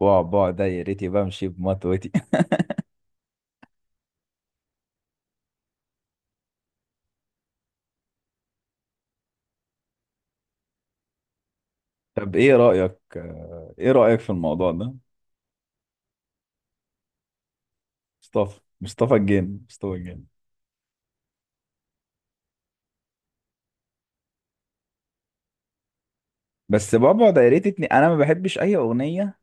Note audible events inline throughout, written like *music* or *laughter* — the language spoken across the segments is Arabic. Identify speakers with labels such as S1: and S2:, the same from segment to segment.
S1: بعبع بعبع دايرتي بمشي بمطوتي. *laughs* طب ايه رأيك ايه رأيك في الموضوع ده؟ مصطفى الجن مصطفى الجن. بس بعبع دايرتي اتنين انا ما بحبش اي اغنية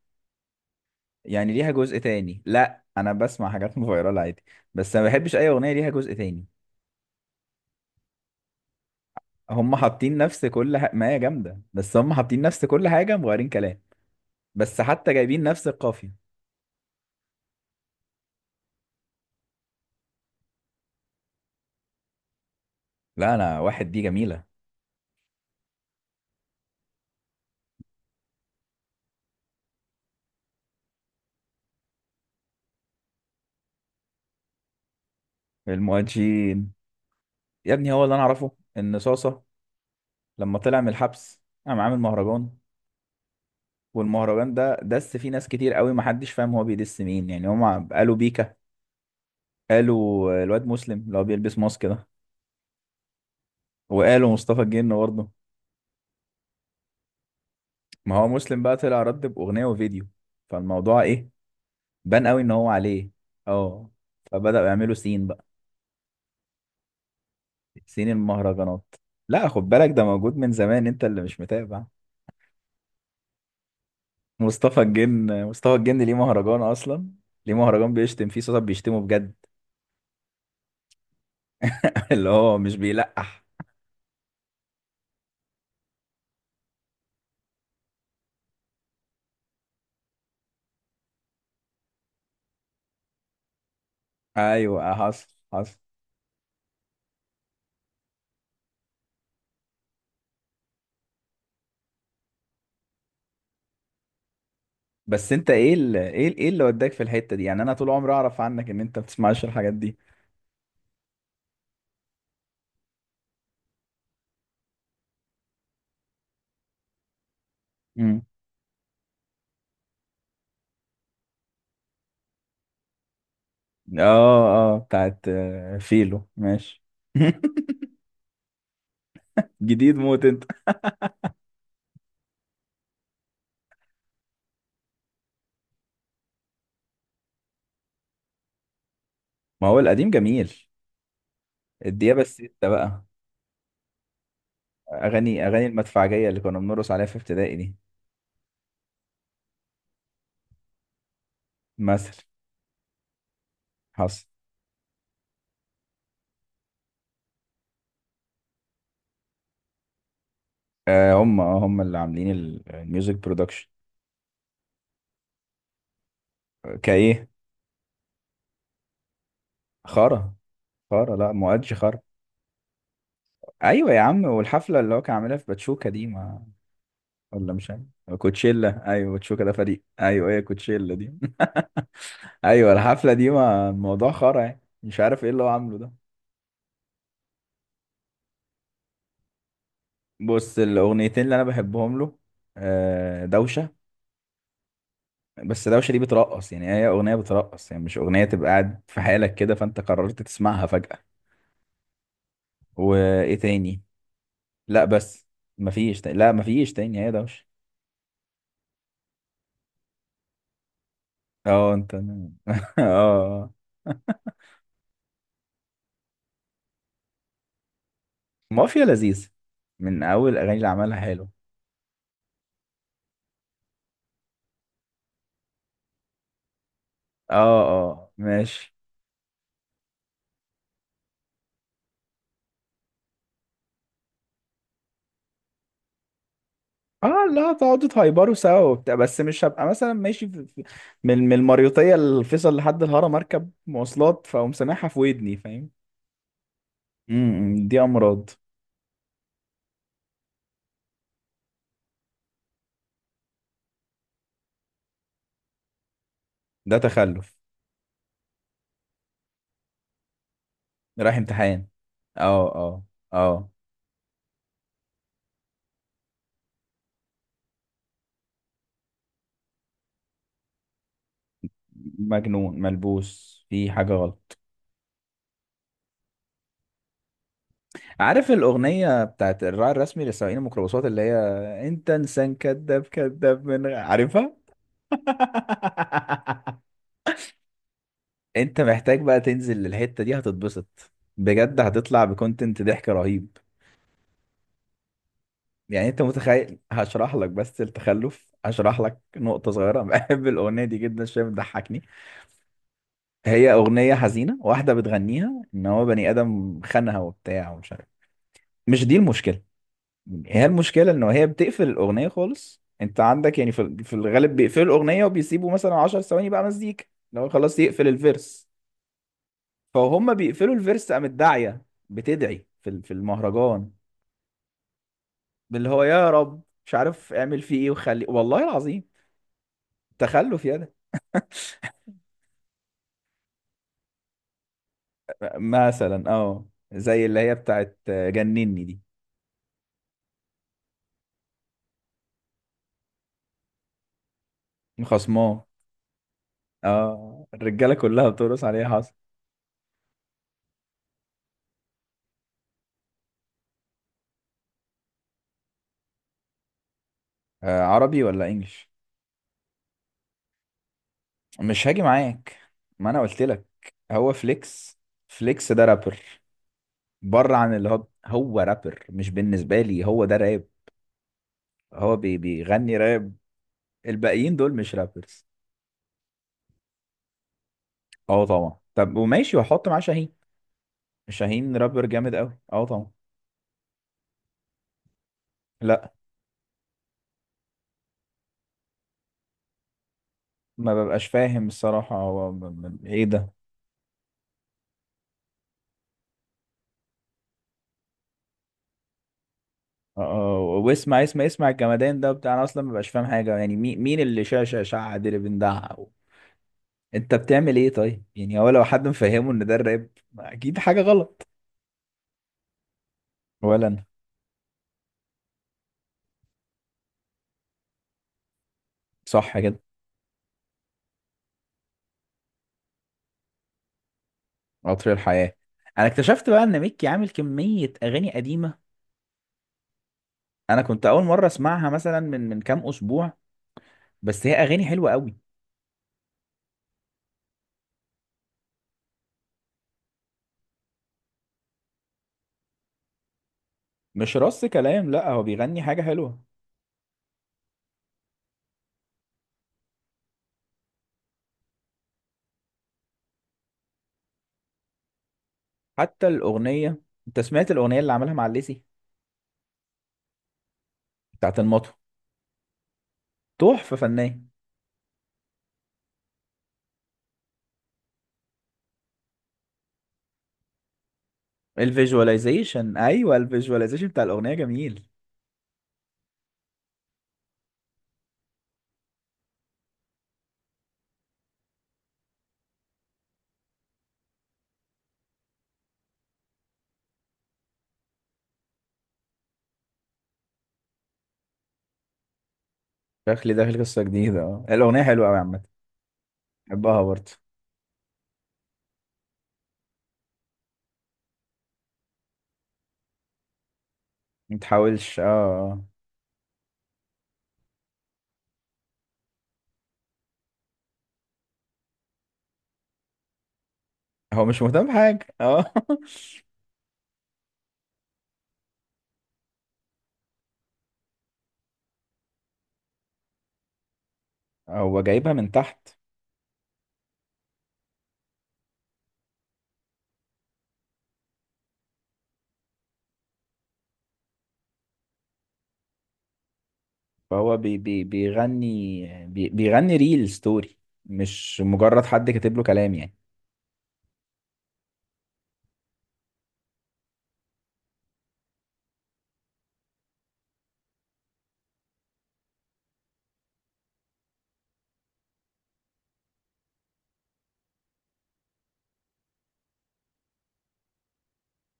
S1: يعني ليها جزء تاني. لا انا بسمع حاجات فيرال عادي، بس ما بحبش اي اغنية ليها جزء تاني. هم حاطين نفس ما هي جامدة، بس هم حاطين نفس كل حاجة مغيرين كلام. بس حتى جايبين نفس القافية. لا انا واحد دي جميلة. المؤجين، يا ابني هو اللي انا اعرفه، ان صاصة لما طلع من الحبس قام عامل مهرجان، والمهرجان ده دس فيه ناس كتير قوي ما حدش فاهم هو بيدس مين. يعني هم قالوا بيكا، قالوا الواد مسلم اللي هو بيلبس ماسك ده، وقالوا مصطفى الجن برضه. ما هو مسلم بقى طلع رد بأغنية وفيديو، فالموضوع ايه؟ بان قوي ان هو عليه. اه، فبدأوا يعملوا سين بقى. سين المهرجانات. لا خد بالك ده موجود من زمان، انت اللي مش متابع. مصطفى الجن مصطفى الجن ليه مهرجان اصلا؟ ليه مهرجان بيشتم فيه صوت بيشتمه بجد؟ *laughs* اللي هو مش بيلقح. ايوه، حصل حصل. بس انت ايه ايه اللي وداك في الحتة دي؟ يعني انا طول عمري اعرف عنك ان انت ما بتسمعش الحاجات دي. امم، اه. اه بتاعت فيلو، ماشي. *laughs* جديد موت انت. ما هو القديم جميل، الديابة الستة بقى. اغاني المدفعجية اللي كنا بنرقص عليها في ابتدائي دي مثلا. حصل. آه هم، هم اللي عاملين الميوزك برودكشن. كايه. خارة، خارة. لا مؤدش خارة. ايوه يا عم، والحفلة اللي هو كان عاملها في باتشوكا دي، ما ولا مش عارف. كوتشيلا، ايوه. باتشوكا ده فريق. ايوه هي كوتشيلا دي. *laughs* ايوه الحفله دي ما الموضوع خرا، يعني مش عارف ايه اللي هو عامله ده. بص، الاغنيتين اللي انا بحبهم له، دوشه. بس دوشه دي بترقص، يعني هي اغنيه بترقص، يعني مش اغنيه تبقى قاعد في حالك كده فانت قررت تسمعها فجاه. وايه تاني؟ لا بس. مفيش تاني. لا مفيش تاني، هي دوشه. اه انت *laughs* اه، مافيا لذيذ من اول الاغاني اللي عملها، حلو. اه، اه ماشي. اه لا، تقعدوا تهايبروا سوا وبتاع، بس مش هبقى مثلا ماشي من المريوطية الفيصل لحد الهرم اركب مواصلات فاقوم سامعها في ودني، فاهم؟ امم، دي امراض. ده تخلف. رايح امتحان. اه، اه، اه. مجنون ملبوس في حاجة غلط. عارف الأغنية بتاعت الراعي الرسمي لسواقين الميكروباصات اللي هي، انت انسان كذاب كذاب عارفها؟ *laughs* انت محتاج بقى تنزل للحتة دي هتتبسط، بجد هتطلع بكونتنت ضحك رهيب. يعني انت متخيل؟ هشرح لك بس التخلف، هشرح لك نقطة صغيرة. *laughs* بحب الأغنية دي جدا، شوية بتضحكني. هي أغنية حزينة، واحدة بتغنيها إن هو بني آدم خانها وبتاع ومش عارف. مش دي المشكلة، هي المشكلة إن هي بتقفل الأغنية خالص. انت عندك يعني في الغالب بيقفلوا الأغنية وبيسيبوا مثلا 10 ثواني بقى مزيكا، لو خلاص يقفل الفيرس. فهم بيقفلوا الفيرس، قامت داعية بتدعي في المهرجان، اللي هو يا رب مش عارف اعمل فيه ايه، وخلي والله العظيم. تخلف يا ده. *laughs* مثلا اه، زي اللي هي بتاعت جنني دي. خصماه. اه الرجاله كلها بترقص عليها، حصل. آه، عربي ولا انجلش؟ مش هاجي معاك، ما انا قلت لك. هو فليكس، فليكس ده رابر. بره عن اللي هو، هو رابر، مش بالنسبه لي، هو ده راب. هو بيغني راب. الباقيين دول مش رابرز. اه طبعا. طب وماشي واحط معاه شاهين. شاهين رابر جامد قوي، اه طبعا. لا، ما ببقاش فاهم الصراحه، هو ايه ده؟ اه، واسمع اسمع اسمع الجمدان ده بتاع، انا اصلا ما ببقاش فاهم حاجه، يعني مين اللي شاشه شعد اللي بندعها و... انت بتعمل ايه طيب؟ يعني هو لو حد مفهمه ان ده الراب، اكيد حاجه غلط. ولا انا. صح كده. قطر الحياه، انا اكتشفت بقى ان ميكي عامل كميه اغاني قديمه، انا كنت اول مره اسمعها مثلا من كام اسبوع، بس هي اغاني حلوه قوي. مش رص كلام، لا هو بيغني حاجة حلوة. حتى الأغنية، أنت سمعت الأغنية اللي عملها مع الليسي؟ بتاعت المطو، تحفة فنية. الفيجواليزيشن، أيوة الفيجواليزيشن بتاع الأغنية جميل. شكلي داخل قصة جديدة، اه الأغنية حلوة أوي عامة. بحبها برضه. ما تحاولش، اه، هو مش مهتم بحاجة، اه. *laughs* هو جايبها من تحت. فهو بي بي بيغني بي بيغني ريل ستوري، مش مجرد حد كاتب له كلام يعني.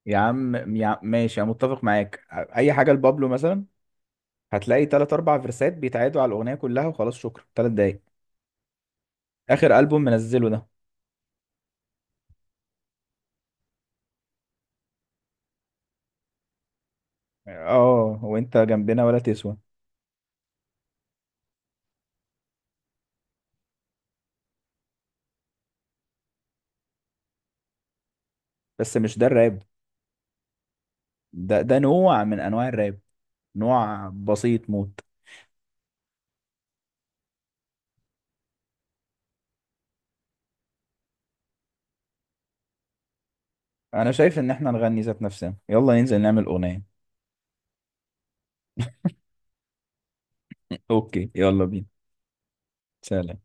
S1: يا عم يا عم ماشي، انا متفق معاك. اي حاجه لبابلو مثلا، هتلاقي تلات أربع فيرسات بيتعادوا على الأغنية كلها، وخلاص شكرا، تلات دقايق. آخر ألبوم منزله ده، اه وانت جنبنا ولا تسوى. بس مش ده الراب، ده نوع من أنواع الراب، نوع بسيط موت. أنا شايف إن احنا نغني ذات نفسنا، يلا ننزل نعمل أغنية. أوكي، يلا بينا. سلام.